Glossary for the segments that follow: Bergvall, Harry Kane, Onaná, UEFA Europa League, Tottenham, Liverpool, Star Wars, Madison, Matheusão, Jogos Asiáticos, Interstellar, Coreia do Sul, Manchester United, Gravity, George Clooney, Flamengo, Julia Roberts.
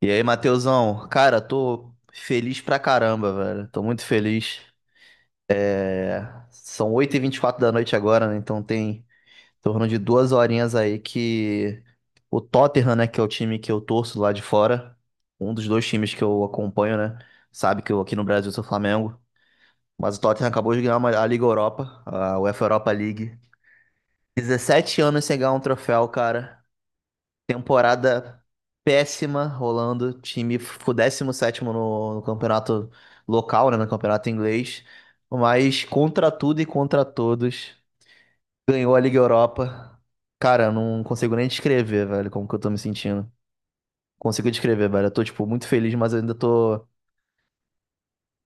E aí, Matheusão? Cara, tô feliz pra caramba, velho. Tô muito feliz. É... São 8:24 da noite agora, né? Então tem em torno de 2 horinhas aí que o Tottenham, né, que é o time que eu torço lá de fora, um dos dois times que eu acompanho, né? Sabe que eu aqui no Brasil sou Flamengo. Mas o Tottenham acabou de ganhar a Liga Europa, a UEFA Europa League. 17 anos sem ganhar um troféu, cara. Temporada péssima rolando. O time ficou 17º no campeonato local, né, no campeonato inglês. Mas contra tudo e contra todos, ganhou a Liga Europa. Cara, eu não consigo nem descrever, velho, como que eu tô me sentindo. Consigo descrever, velho. Eu tô, tipo, muito feliz, mas eu ainda tô.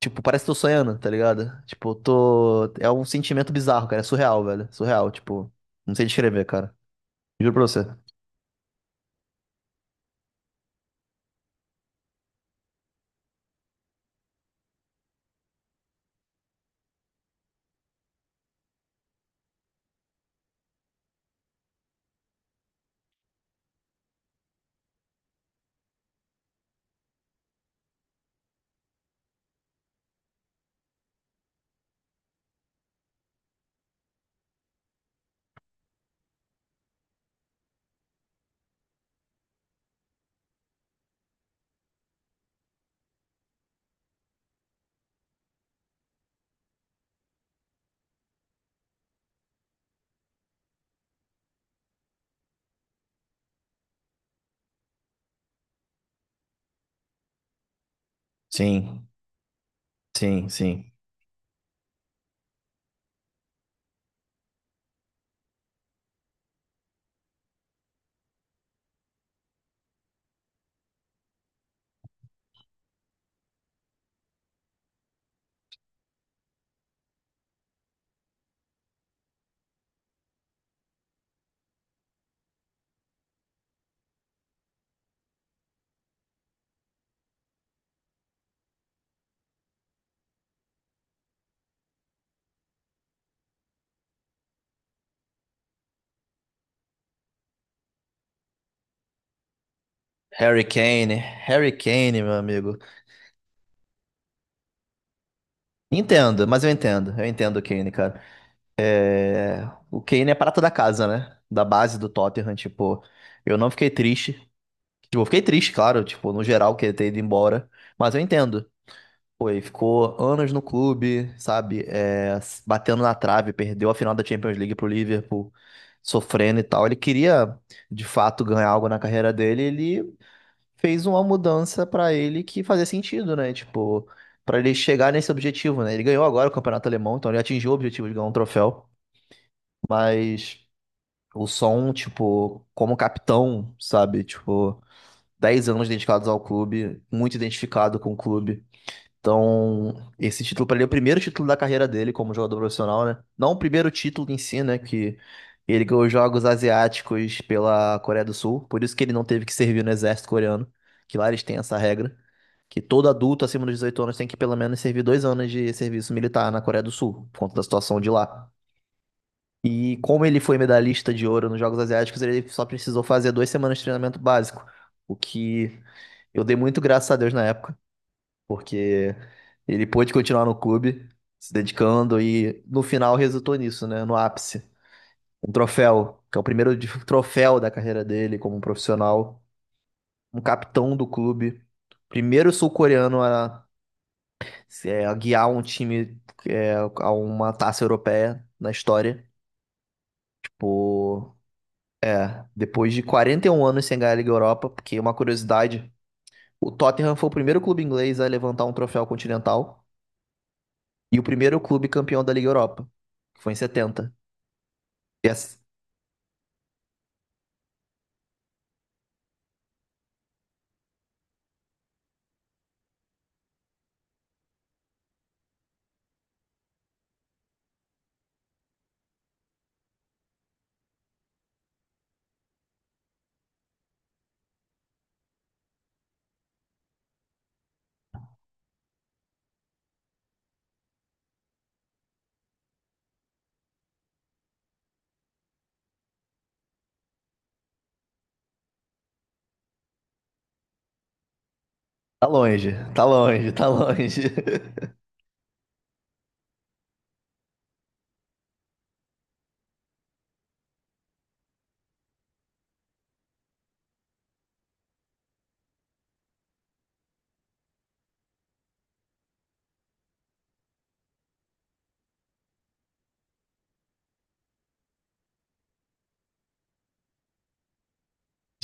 Tipo, parece que tô sonhando, tá ligado? Tipo, eu tô. É um sentimento bizarro, cara. É surreal, velho. Surreal, tipo. Não sei descrever, cara. Juro pra você. Sim, sim, sim. Harry Kane, Harry Kane, meu amigo. Entendo, mas eu entendo o Kane, cara. O Kane é prata da casa, né? Da base do Tottenham, tipo, eu não fiquei triste. Tipo, eu fiquei triste, claro, tipo, no geral, que ele ter ido embora, mas eu entendo. Pô, ele ficou anos no clube, sabe? Batendo na trave, perdeu a final da Champions League pro Liverpool, sofrendo e tal. Ele queria, de fato, ganhar algo na carreira dele, ele fez uma mudança pra ele que fazia sentido, né? Tipo, pra ele chegar nesse objetivo, né? Ele ganhou agora o campeonato alemão, então ele atingiu o objetivo de ganhar um troféu, mas o som, tipo, como capitão, sabe? Tipo, 10 anos dedicados ao clube, muito identificado com o clube. Então, esse título pra ele é o primeiro título da carreira dele como jogador profissional, né? Não o primeiro título em si, né? Que ele ganhou os Jogos Asiáticos pela Coreia do Sul, por isso que ele não teve que servir no exército coreano, que lá eles têm essa regra que todo adulto acima dos 18 anos tem que pelo menos servir 2 anos de serviço militar na Coreia do Sul, por conta da situação de lá. E como ele foi medalhista de ouro nos Jogos Asiáticos, ele só precisou fazer 2 semanas de treinamento básico, o que eu dei muito graças a Deus na época, porque ele pôde continuar no clube, se dedicando e no final resultou nisso, né, no ápice. Um troféu, que é o primeiro troféu da carreira dele como profissional, um capitão do clube, primeiro sul-coreano a se, guiar um time a uma taça europeia na história. Tipo, depois de 41 anos sem ganhar a Liga Europa, porque uma curiosidade, o Tottenham foi o primeiro clube inglês a levantar um troféu continental e o primeiro clube campeão da Liga Europa, que foi em setenta. E ass- Tá longe, tá longe, tá longe.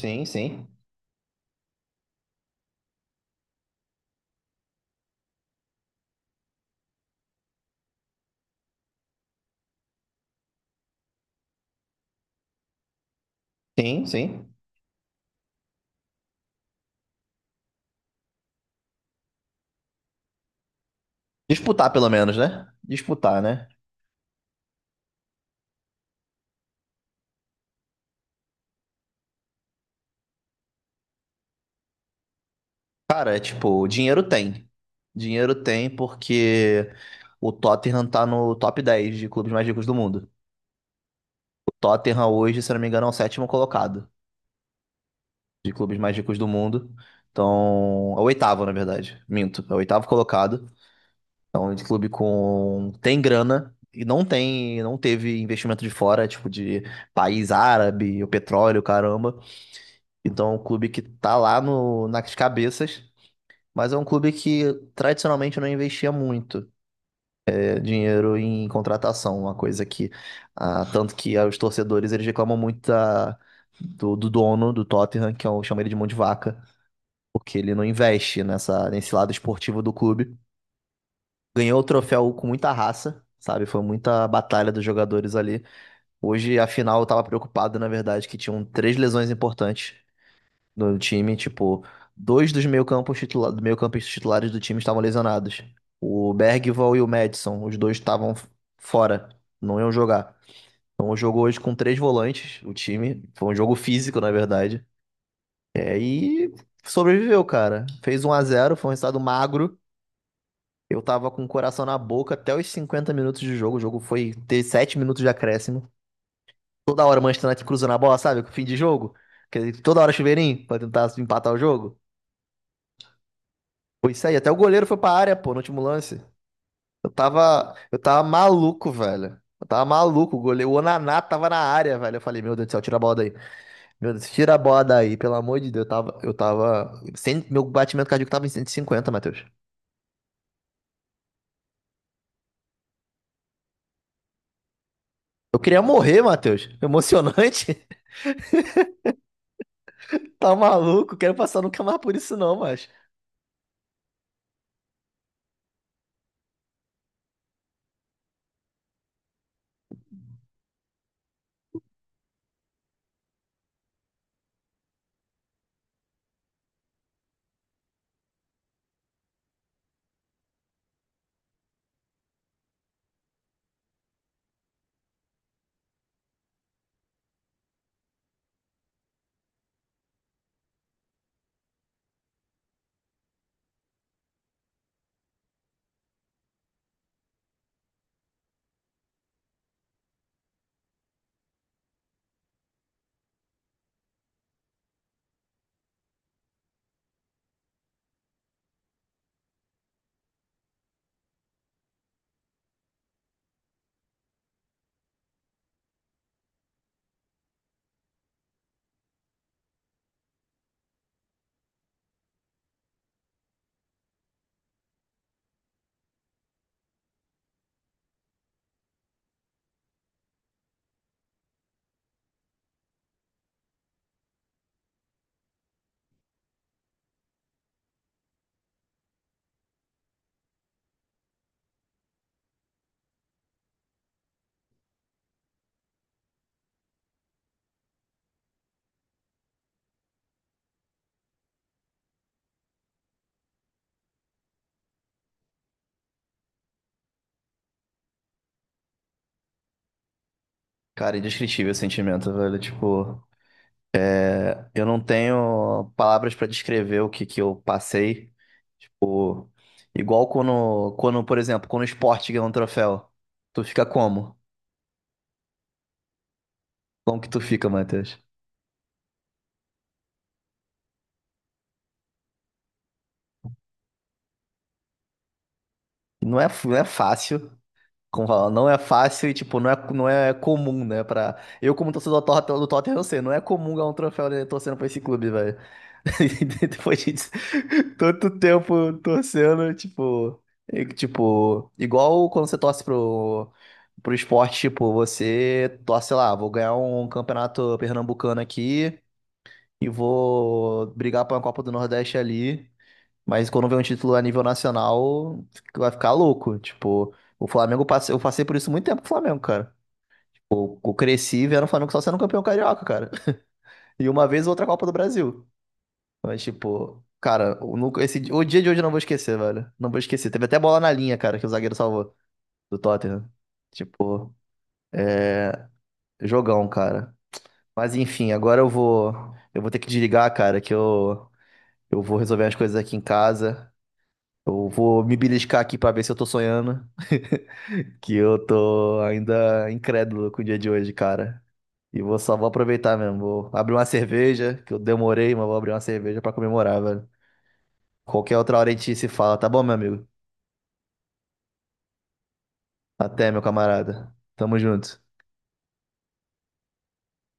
Sim, sim. Sim, sim. Disputar pelo menos, né? Disputar, né? Cara, é tipo, dinheiro tem. Dinheiro tem porque o Tottenham tá no top 10 de clubes mais ricos do mundo. O Tottenham hoje, se eu não me engano, é o sétimo colocado de clubes mais ricos do mundo. Então, é o oitavo, na verdade. Minto, é o oitavo colocado. É um clube com tem grana e não tem, não teve investimento de fora, tipo de país árabe, o petróleo, caramba. Então, é um clube que tá lá no nas cabeças, mas é um clube que tradicionalmente não investia muito dinheiro em contratação, uma coisa que tanto que os torcedores eles reclamam muito do dono do Tottenham, que é o chama ele de mão de vaca, porque ele não investe nessa nesse lado esportivo do clube. Ganhou o troféu com muita raça, sabe? Foi muita batalha dos jogadores ali. Hoje, afinal, eu tava preocupado, na verdade, que tinham três lesões importantes no time, tipo, dois dos meio-campos titula do meio-campistas titulares do time estavam lesionados. O Bergvall e o Madison, os dois estavam fora, não iam jogar. Então o jogo hoje com três volantes, o time, foi um jogo físico, na verdade. E sobreviveu, cara. Fez 1-0, foi um resultado magro. Eu tava com o coração na boca até os 50 minutos de jogo. O jogo foi ter 7 minutos de acréscimo. Toda hora o Manchester United cruzando a bola, sabe? Fim de jogo. Que toda hora chuveirinho pra tentar empatar o jogo. Foi isso aí. Até o goleiro foi pra área, pô, no último lance. Eu tava maluco, velho. Eu tava maluco. O goleiro, o Onaná tava na área, velho. Eu falei, meu Deus do céu, tira a bola daí. Meu Deus, tira a bola daí, pelo amor de Deus. Meu batimento cardíaco tava em 150, Matheus. Eu queria morrer, Matheus. Emocionante. Tá maluco? Quero passar nunca mais por isso, não, mas. Cara, indescritível esse sentimento, velho. Tipo, eu não tenho palavras pra descrever o que que eu passei. Igual quando, por exemplo, quando o esporte ganha um troféu, tu fica como? Como que tu fica, Matheus? Não é fácil, como fala, não é fácil e, tipo, não é comum, né? Pra... Eu, como torcedor do Tottenham, eu sei, não é comum ganhar um troféu, né, torcendo pra esse clube, velho. Depois de tanto tempo torcendo, tipo... E, tipo, igual quando você torce pro esporte, tipo, você torce lá, vou ganhar um campeonato pernambucano aqui... E vou brigar pra uma Copa do Nordeste ali. Mas quando vem um título a nível nacional, vai ficar louco. Tipo, o Flamengo, eu passei por isso muito tempo com o Flamengo, cara. Eu cresci vendo o Flamengo só sendo campeão carioca, cara. E uma vez outra Copa do Brasil. Mas, tipo, cara, eu nunca- esse, o dia de hoje eu não vou esquecer, velho. Não vou esquecer. Teve até bola na linha, cara, que o zagueiro salvou do Tottenham. Tipo, jogão, cara. Mas enfim, agora eu vou. Eu vou ter que desligar, cara, que eu vou resolver as coisas aqui em casa. Eu vou me beliscar aqui pra ver se eu tô sonhando, que eu tô ainda incrédulo com o dia de hoje, cara. E vou só vou aproveitar mesmo. Vou abrir uma cerveja, que eu demorei, mas vou abrir uma cerveja pra comemorar, velho. Qualquer outra hora a gente se fala, tá bom, meu amigo? Até, meu camarada. Tamo junto.